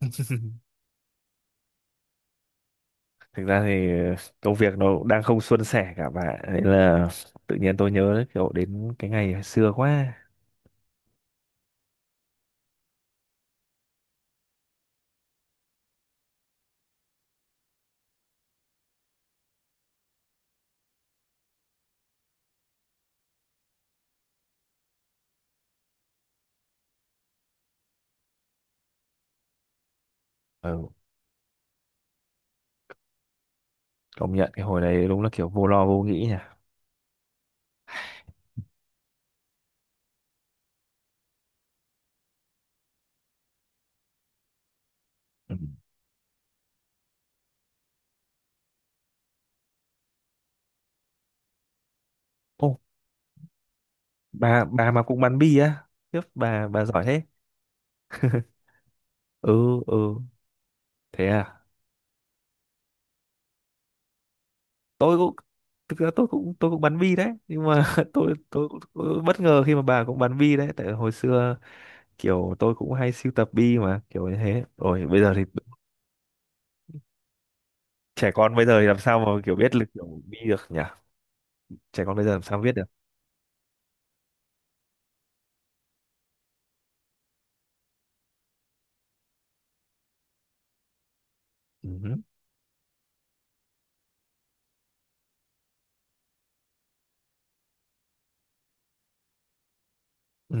Thực ra thì công việc nó cũng đang không suôn sẻ cả bạn, nên là tự nhiên tôi nhớ kiểu đến cái ngày hồi xưa quá. Ừ, công nhận cái hồi đấy đúng là kiểu vô lo vô nghĩ nhỉ. Ừ. Ô, bà mà cũng bắn bi á? Khiếp, bà giỏi thế. Ừ ừ, thế à? Tôi cũng... thực ra tôi cũng, bắn bi đấy, nhưng mà tôi bất ngờ khi mà bà cũng bắn bi đấy. Tại hồi xưa kiểu tôi cũng hay sưu tập bi mà kiểu như thế, rồi bây giờ thì trẻ con bây giờ thì làm sao mà kiểu biết lực kiểu đi được nhỉ. Trẻ con bây giờ làm sao biết được. Ừ. Ừ.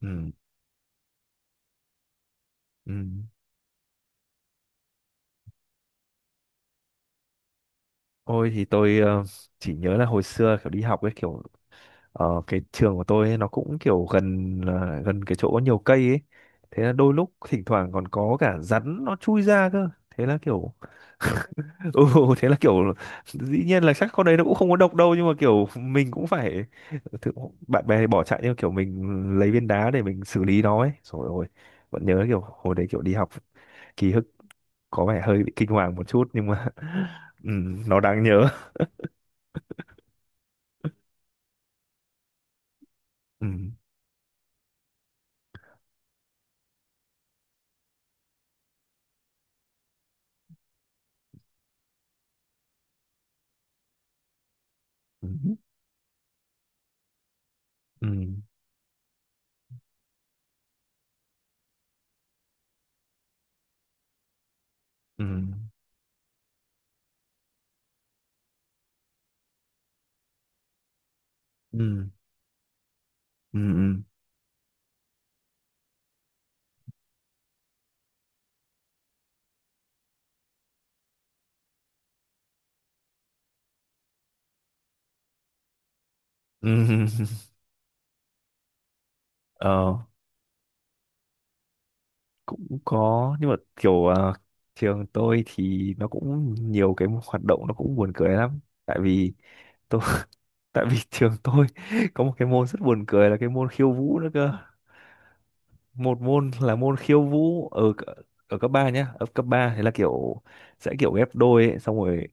Ừ. Ừ. Ôi thì tôi chỉ nhớ là hồi xưa kiểu đi học ấy, kiểu cái trường của tôi ấy, nó cũng kiểu gần, gần cái chỗ có nhiều cây ấy. Thế là đôi lúc thỉnh thoảng còn có cả rắn nó chui ra cơ, thế là kiểu ừ, thế là kiểu dĩ nhiên là chắc con đấy nó cũng không có độc đâu, nhưng mà kiểu mình cũng phải thực- bạn bè thì bỏ chạy, nhưng mà kiểu mình lấy viên đá để mình xử lý nó ấy. Rồi ôi, vẫn nhớ kiểu hồi đấy kiểu đi học, ký ức có vẻ hơi bị kinh hoàng một chút nhưng mà ừ, nó đáng nhớ. Ừ, ừ, ừ, ừ, ừ, ừ, ừ, ừ. Ờ, cũng có, nhưng mà kiểu trường tôi thì nó cũng nhiều cái hoạt động, nó cũng buồn cười lắm. Tại vì tôi... tại vì trường tôi có một cái môn rất buồn cười là cái môn khiêu vũ nữa cơ. Một môn là môn khiêu vũ ở ở cấp 3 nhá. Ở cấp 3 thì là kiểu sẽ kiểu ghép đôi ấy, xong rồi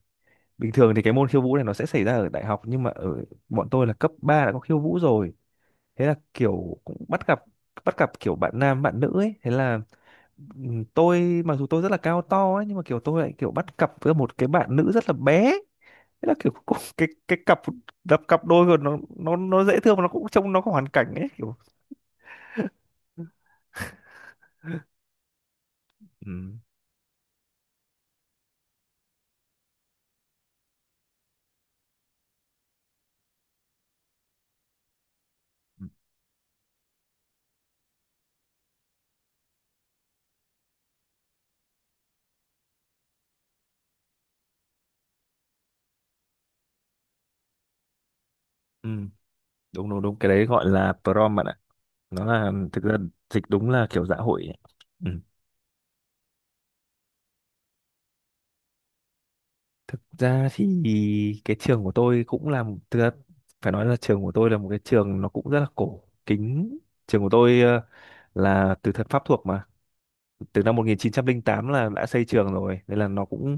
bình thường thì cái môn khiêu vũ này nó sẽ xảy ra ở đại học, nhưng mà ở bọn tôi là cấp 3 đã có khiêu vũ rồi. Thế là kiểu cũng bắt gặp, bắt gặp kiểu bạn nam bạn nữ ấy, thế là tôi mặc dù tôi rất là cao to ấy, nhưng mà kiểu tôi lại kiểu bắt cặp với một cái bạn nữ rất là bé. Thế là kiểu cũng- cái cặp, đập cặp đôi rồi, nó dễ thương mà nó cũng trông nó có hoàn cảnh ấy, kiểu ừ. Ừ. Đúng đúng đúng, cái đấy gọi là prom bạn ạ. Nó là, thực ra dịch đúng là kiểu dạ hội ấy. Ừ. Thực ra thì cái trường của tôi cũng là một... thực ra phải nói là trường của tôi là một cái trường nó cũng rất là cổ kính. Trường của tôi là từ thời Pháp thuộc mà, từ năm 1908 là đã xây trường rồi, nên là nó cũng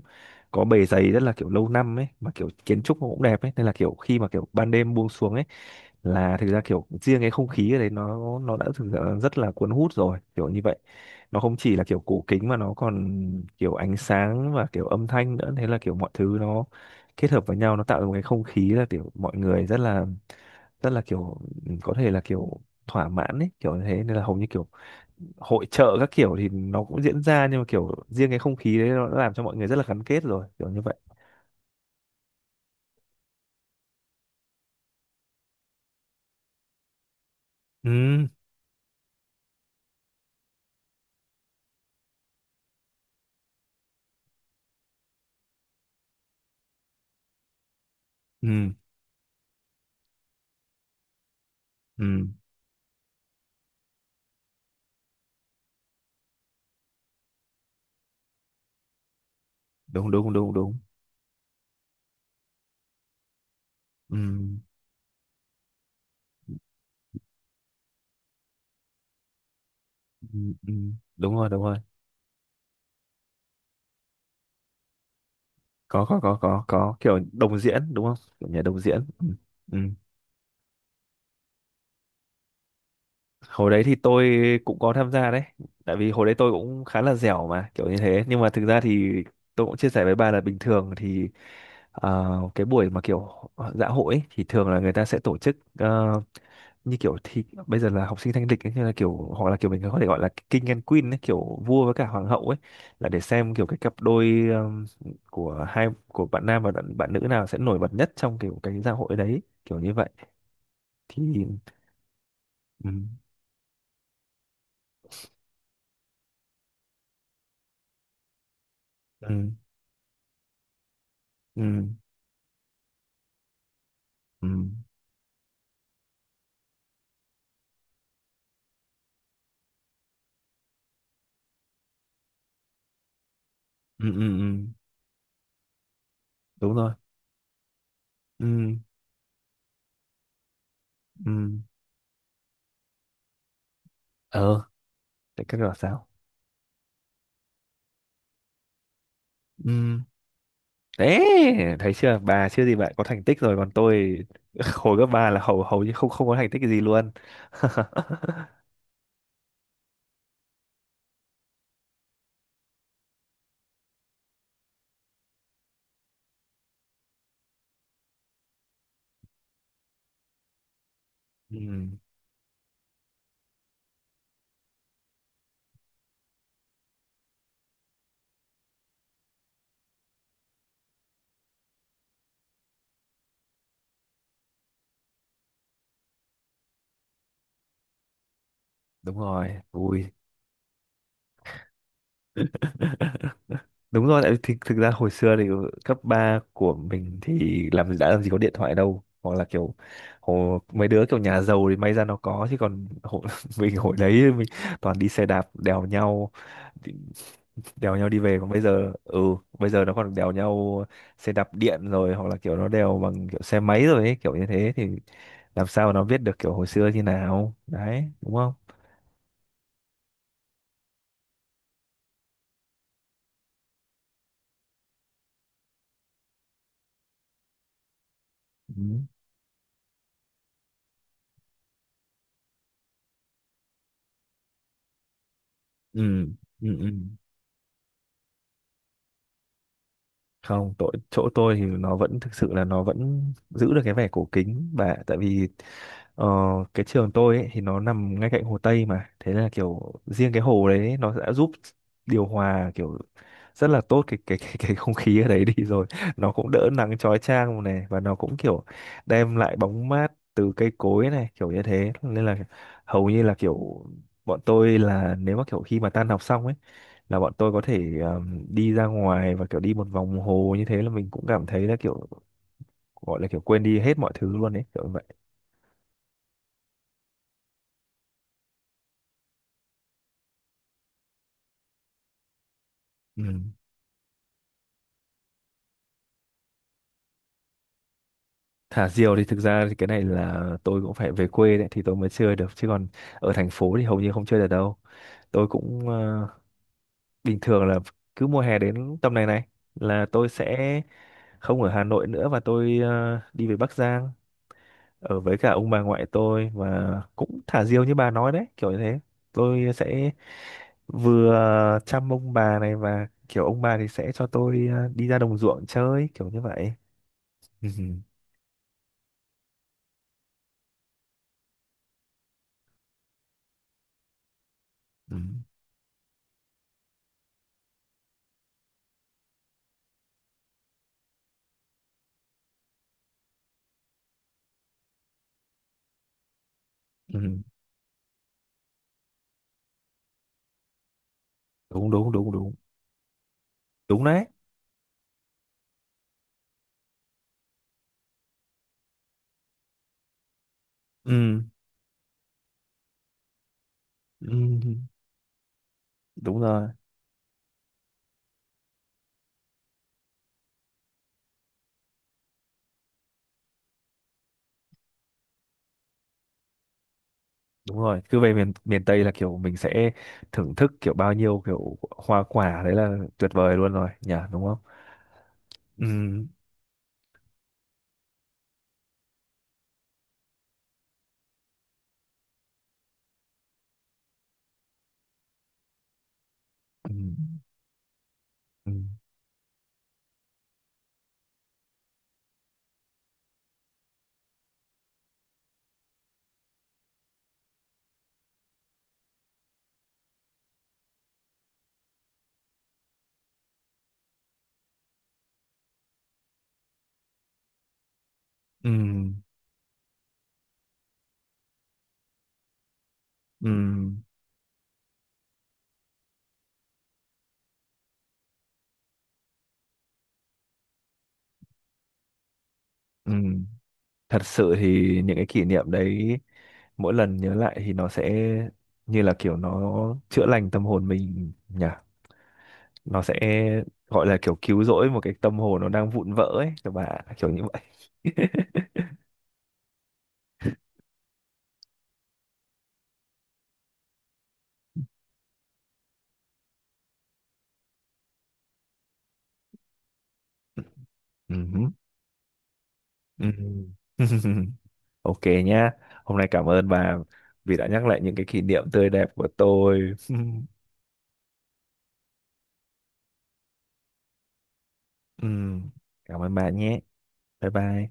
có bề dày rất là kiểu lâu năm ấy, mà kiểu kiến trúc nó cũng đẹp ấy, nên là kiểu khi mà kiểu ban đêm buông xuống ấy là thực ra kiểu riêng cái không khí ở đấy nó đã thực ra rất là cuốn hút rồi kiểu như vậy. Nó không chỉ là kiểu cổ kính mà nó còn kiểu ánh sáng và kiểu âm thanh nữa, thế là kiểu mọi thứ nó kết hợp với nhau nó tạo ra một cái không khí là kiểu mọi người rất là, rất là kiểu có thể là kiểu thỏa mãn ấy kiểu như thế, nên là hầu như kiểu hội chợ các kiểu thì nó cũng diễn ra, nhưng mà kiểu riêng cái không khí đấy nó đã làm cho mọi người rất là gắn kết rồi kiểu như vậy. Ừ ừ ừ, đúng đúng đúng đúng. Ừ, ừ, ừ. Đúng rồi đúng rồi. Có có, kiểu đồng diễn đúng không, kiểu nhà đồng diễn. Ừ. Ừ. Hồi đấy thì tôi cũng có tham gia đấy, tại vì hồi đấy tôi cũng khá là dẻo mà kiểu như thế. Nhưng mà thực ra thì tôi cũng chia sẻ với bà là bình thường thì ờ, cái buổi mà kiểu dạ hội ấy, thì thường là người ta sẽ tổ chức, như kiểu thì bây giờ là học sinh thanh lịch ấy, như là kiểu hoặc là kiểu mình có thể gọi là king and queen ấy, kiểu vua với cả hoàng hậu ấy, là để xem kiểu cái cặp đôi của hai của bạn nam và bạn, bạn nữ nào sẽ nổi bật nhất trong kiểu cái gia hội đấy kiểu như vậy thì. Ừ, ừ, ừ, ừ, ừ, ừ, ừ, đúng rồi. Ừ, ừ. Ờ, để các là sao. Ừ. Đấy, thấy chưa bà, chưa gì bạn có thành tích rồi, còn tôi hồi cấp ba là hầu hầu như không không có thành tích gì luôn. Ừ. Đúng rồi vui. Đúng rồi, tại vì thực ra hồi xưa thì cấp 3 của mình thì làm đã làm gì có điện thoại đâu, hoặc là kiểu mấy đứa kiểu nhà giàu thì may ra nó có, chứ còn hồi, mình hồi đấy mình toàn đi xe đạp đèo nhau, đi- đèo nhau đi về. Còn bây giờ ừ, bây giờ nó còn đèo nhau xe đạp điện rồi, hoặc là kiểu nó đèo bằng kiểu xe máy rồi ấy kiểu như thế, thì làm sao mà nó biết được kiểu hồi xưa như nào đấy đúng không. Ừ ừ ừ, ừ. Không, tội chỗ tôi thì nó vẫn thực sự là nó vẫn giữ được cái vẻ cổ kính. Và tại vì ờ, cái trường tôi ấy, thì nó nằm ngay cạnh hồ Tây mà, thế là kiểu riêng cái hồ đấy nó đã giúp điều hòa kiểu rất là tốt cái không khí ở đấy đi rồi nó cũng đỡ nắng chói chang này, và nó cũng kiểu đem lại bóng mát từ cây cối này kiểu như thế, nên là hầu như là kiểu bọn tôi là nếu mà kiểu khi mà tan học xong ấy là bọn tôi có thể đi ra ngoài và kiểu đi một vòng hồ, như thế là mình cũng cảm thấy là kiểu, gọi là kiểu quên đi hết mọi thứ luôn ấy kiểu vậy. Ừ. Thả diều thì thực ra thì cái này là tôi cũng phải về quê đấy thì tôi mới chơi được, chứ còn ở thành phố thì hầu như không chơi được đâu. Tôi cũng bình thường là cứ mùa hè đến tầm này này là tôi sẽ không ở Hà Nội nữa, và tôi đi về Bắc Giang ở với cả ông bà ngoại tôi, và cũng thả diều như bà nói đấy kiểu như thế. Tôi sẽ vừa chăm ông bà này, và kiểu ông bà thì sẽ cho tôi đi ra đồng ruộng chơi kiểu như vậy. Ừ. Ừ. Ừ. Đúng đúng đúng đúng, đúng đấy. Ừ. Ừ. Đúng rồi đúng rồi, cứ về miền miền Tây là kiểu mình sẽ thưởng thức kiểu bao nhiêu kiểu hoa quả đấy là tuyệt vời luôn rồi nhỉ, đúng không. Ừ. Ừ. Ừ. Ừ. Ừ. Ừ. Thật sự thì những cái kỷ niệm đấy mỗi lần nhớ lại thì nó sẽ như là kiểu nó chữa lành tâm hồn mình nhỉ. Nó sẽ gọi là kiểu cứu rỗi một cái tâm hồn nó đang vụn vỡ ấy các bạn, kiểu như vậy. Ừm, ừm. OK nhá, hôm nay cảm ơn bà vì đã nhắc lại những cái kỷ niệm tươi đẹp của tôi. Ừm, cảm ơn bà nhé, bye bye.